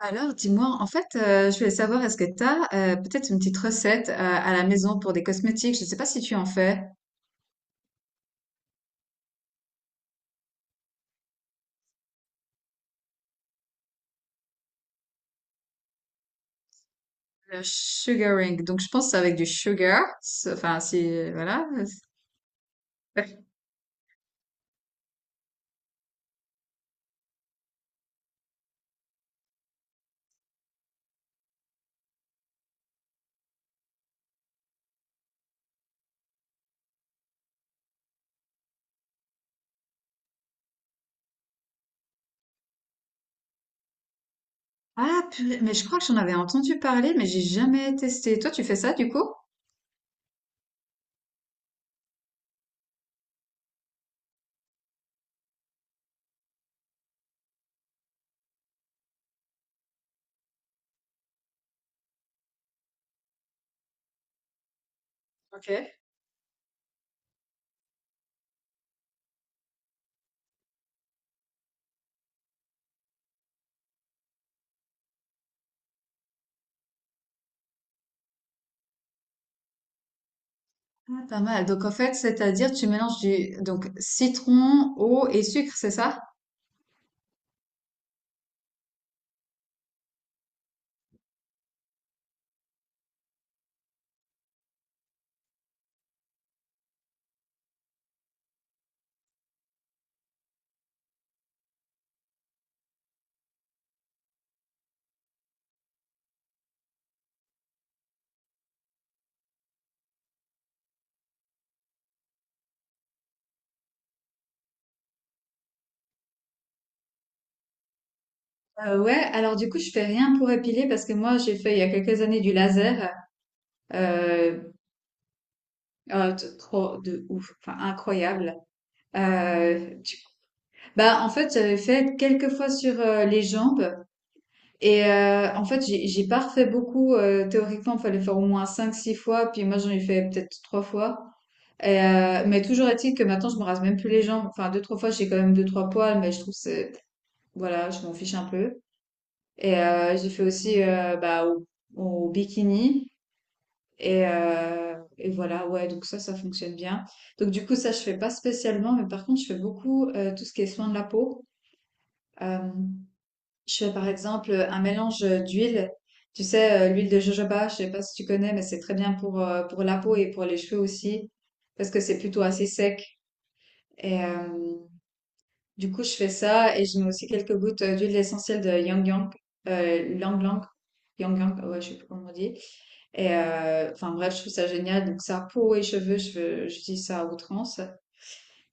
Alors, dis-moi, en fait, je voulais savoir, est-ce que tu as peut-être une petite recette à la maison pour des cosmétiques? Je ne sais pas si tu en fais. Le sugaring. Donc, je pense que c'est avec du sugar. Enfin, si, voilà. Ah, purée, mais je crois que j'en avais entendu parler, mais j'ai jamais testé. Toi, tu fais ça, du coup? Ok. Ah, pas mal. Donc, en fait, c'est-à-dire, tu mélanges du, donc, citron, eau et sucre, c'est ça? Ouais, alors du coup, je fais rien pour épiler parce que moi, j'ai fait il y a quelques années du laser. Euh, oh, trop de ouf, enfin incroyable. Euh, tu- Bah, en fait, j'avais fait quelques fois sur les jambes. Et en fait, j'ai pas refait beaucoup. Théoriquement, il fallait faire au moins cinq six fois. Puis moi, j'en ai fait peut-être 3 fois. Et, mais toujours est-il que maintenant, je me rase même plus les jambes. Enfin, deux trois fois, j'ai quand même deux trois poils, mais je trouve que c'est. Voilà, je m'en fiche un peu. Et j'ai fait aussi bah, au bikini. Et voilà, ouais, donc ça fonctionne bien. Donc du coup, ça, je fais pas spécialement. Mais par contre, je fais beaucoup tout ce qui est soin de la peau. Euh, je fais par exemple un mélange d'huile. Tu sais, l'huile de jojoba, je sais pas si tu connais, mais c'est très bien pour la peau et pour les cheveux aussi, parce que c'est plutôt assez sec. Et du coup, je fais ça et je mets aussi quelques gouttes d'huile essentielle de Yang Yang, Lang Lang, Yang Yang, ouais, je sais plus comment on dit. Et enfin bref, je trouve ça génial. Donc ça, peau et cheveux, j'utilise ça à outrance.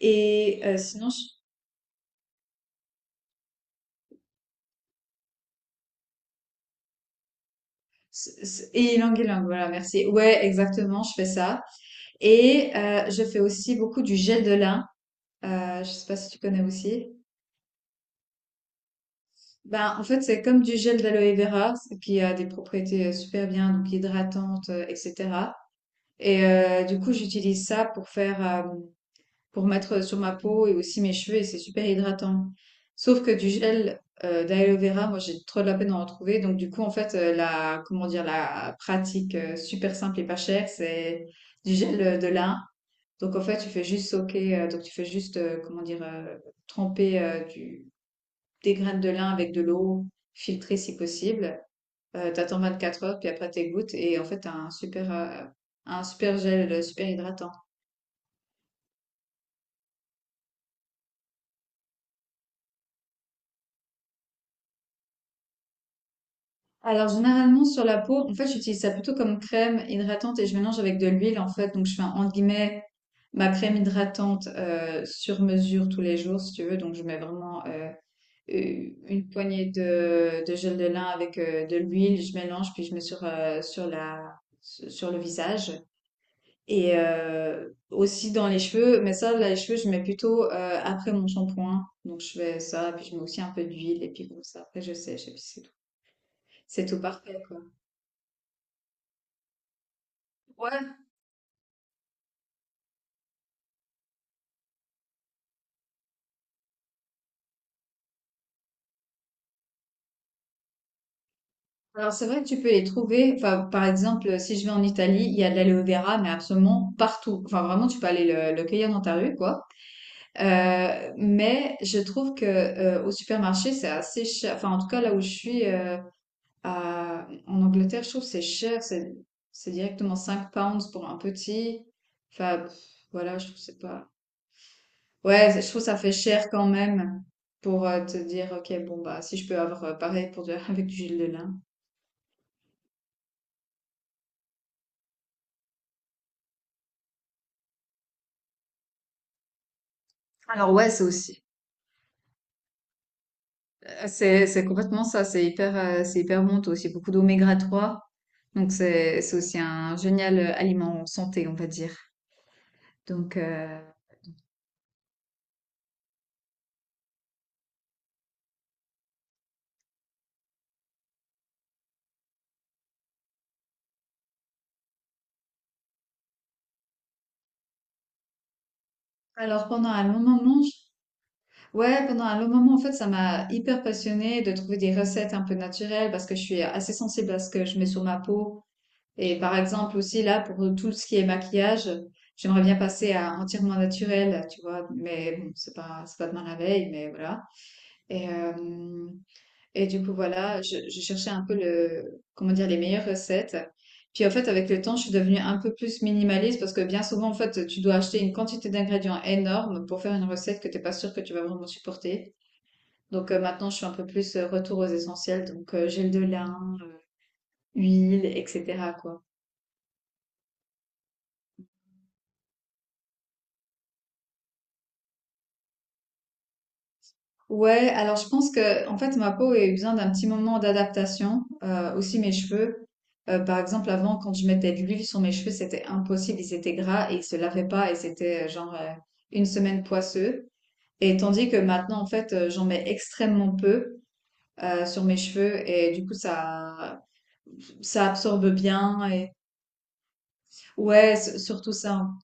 Et sinon, Et ylang ylang, voilà, merci. Ouais, exactement, je fais ça. Et je fais aussi beaucoup du gel de lin. Je sais pas si tu connais aussi. Ben, en fait, c'est comme du gel d'aloe vera qui a des propriétés super bien, donc hydratantes, etc. Et du coup, j'utilise ça pour mettre sur ma peau et aussi mes cheveux, et c'est super hydratant. Sauf que du gel d'aloe vera, moi, j'ai trop de la peine d'en retrouver. Donc, du coup, en fait, comment dire, la pratique super simple et pas chère, c'est du gel de lin. Donc en fait, tu fais juste, comment dire, tremper des graines de lin avec de l'eau, filtrée si possible. T'attends 24 heures, puis après t'égouttes, et en fait, t'as un super gel, super hydratant. Alors généralement sur la peau, en fait, j'utilise ça plutôt comme crème hydratante et je mélange avec de l'huile en fait. Donc je fais entre guillemets ma crème hydratante sur mesure tous les jours si tu veux. Donc je mets vraiment une poignée de gel de lin avec de l'huile, je mélange puis je mets sur le visage. Et aussi dans les cheveux, mais ça, là, les cheveux, je mets plutôt après mon shampoing. Donc je fais ça, puis je mets aussi un peu d'huile, et puis comme ça, après je sèche, et puis c'est tout. C'est tout parfait, quoi. Ouais, alors c'est vrai que tu peux les trouver. Enfin, par exemple, si je vais en Italie, il y a de l'aloe vera, mais absolument partout. Enfin, vraiment, tu peux aller le cueillir dans ta rue, quoi. Mais je trouve que au supermarché, c'est assez cher. Enfin, en tout cas, là où je suis en Angleterre, je trouve que c'est cher. C'est directement 5 pounds pour un petit. Enfin, pff, voilà, je trouve que c'est pas. Ouais, je trouve que ça fait cher quand même pour te dire, ok, bon, bah, si je peux avoir pareil pour avec du gel de lin. Alors, ouais, c'est aussi. C'est complètement ça. C'est hyper bon. T'as aussi beaucoup d'oméga-3. Donc, c'est aussi un génial aliment santé, on va dire. Donc, euh, Alors pendant un long moment, je- Ouais, pendant un long moment, en fait, ça m'a hyper passionnée de trouver des recettes un peu naturelles parce que je suis assez sensible à ce que je mets sur ma peau. Et par exemple aussi là, pour tout ce qui est maquillage, j'aimerais bien passer à entièrement naturel, tu vois. Mais bon, c'est pas demain la veille, mais voilà. Et, euh, Et du coup, voilà, je cherchais un peu comment dire, les meilleures recettes. Puis en fait, avec le temps, je suis devenue un peu plus minimaliste parce que bien souvent, en fait, tu dois acheter une quantité d'ingrédients énorme pour faire une recette que t'es pas sûr que tu vas vraiment supporter. Donc maintenant, je suis un peu plus retour aux essentiels. Donc gel de lin, huile, etc., quoi. Ouais, alors je pense que en fait ma peau a eu besoin d'un petit moment d'adaptation, aussi mes cheveux. Par exemple, avant, quand je mettais de l'huile sur mes cheveux, c'était impossible, ils étaient gras et ils se lavaient pas et c'était genre une semaine poisseux. Et tandis que maintenant, en fait, j'en mets extrêmement peu sur mes cheveux et du coup ça absorbe bien et ouais, surtout ça, hein.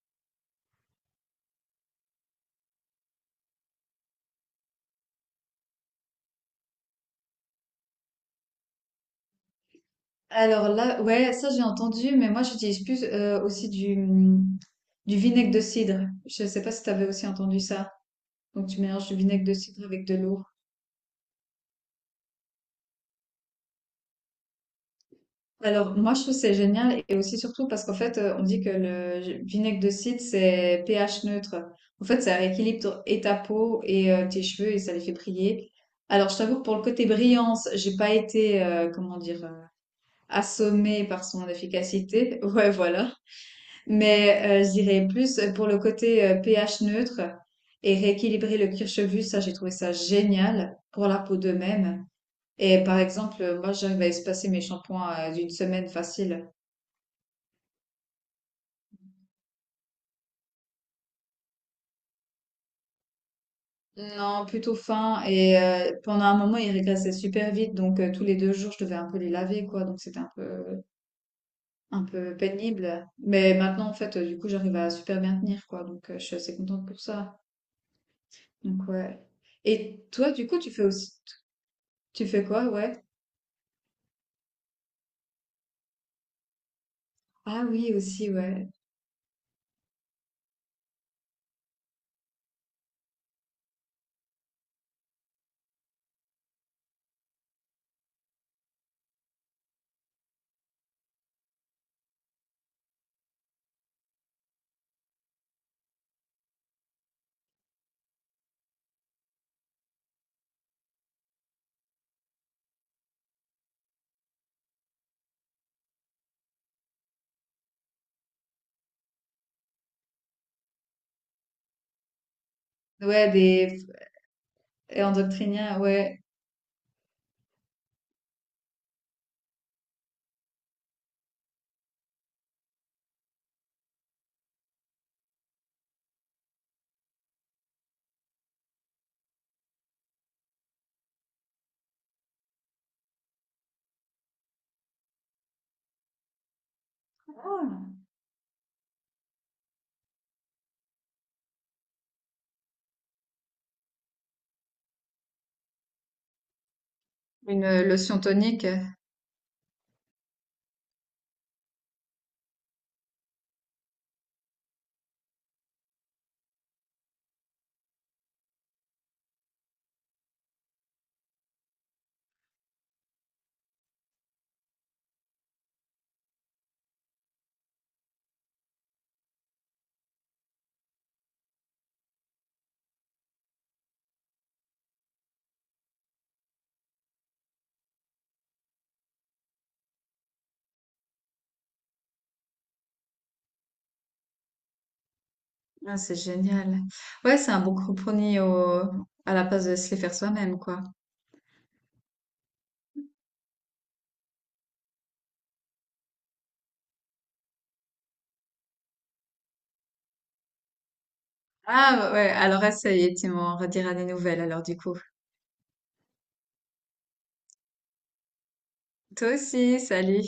Alors là, ouais, ça j'ai entendu, mais moi j'utilise plus aussi du vinaigre de cidre. Je sais pas si tu avais aussi entendu ça. Donc tu mélanges du vinaigre de cidre avec de l'eau. Alors moi je trouve c'est génial et aussi surtout parce qu'en fait on dit que le vinaigre de cidre c'est pH neutre. En fait ça rééquilibre et ta peau et tes cheveux et ça les fait briller. Alors je t'avoue que pour le côté brillance, j'ai pas été comment dire assommée par son efficacité. Ouais voilà. Mais je dirais plus pour le côté pH neutre et rééquilibrer le cuir chevelu, ça j'ai trouvé ça génial pour la peau de même. Et par exemple, moi j'arrive à espacer mes shampoings d'une semaine facile. Non, plutôt fin et pendant un moment ils régressaient super vite donc tous les 2 jours je devais un peu les laver quoi donc c'était un peu pénible. Mais maintenant en fait du coup j'arrive à super bien tenir quoi donc je suis assez contente pour ça. Donc ouais. Et toi du coup tu fais quoi, ouais? Ah oui, aussi, ouais. Ouais, des et endoctriniens, ouais. Ah, une lotion tonique. Ah, c'est génial. Ouais, c'est un bon compromis à la place de se les faire soi-même, quoi. Ah ouais, alors essaye et tu m'en rediras des nouvelles, alors du coup. Toi aussi, salut.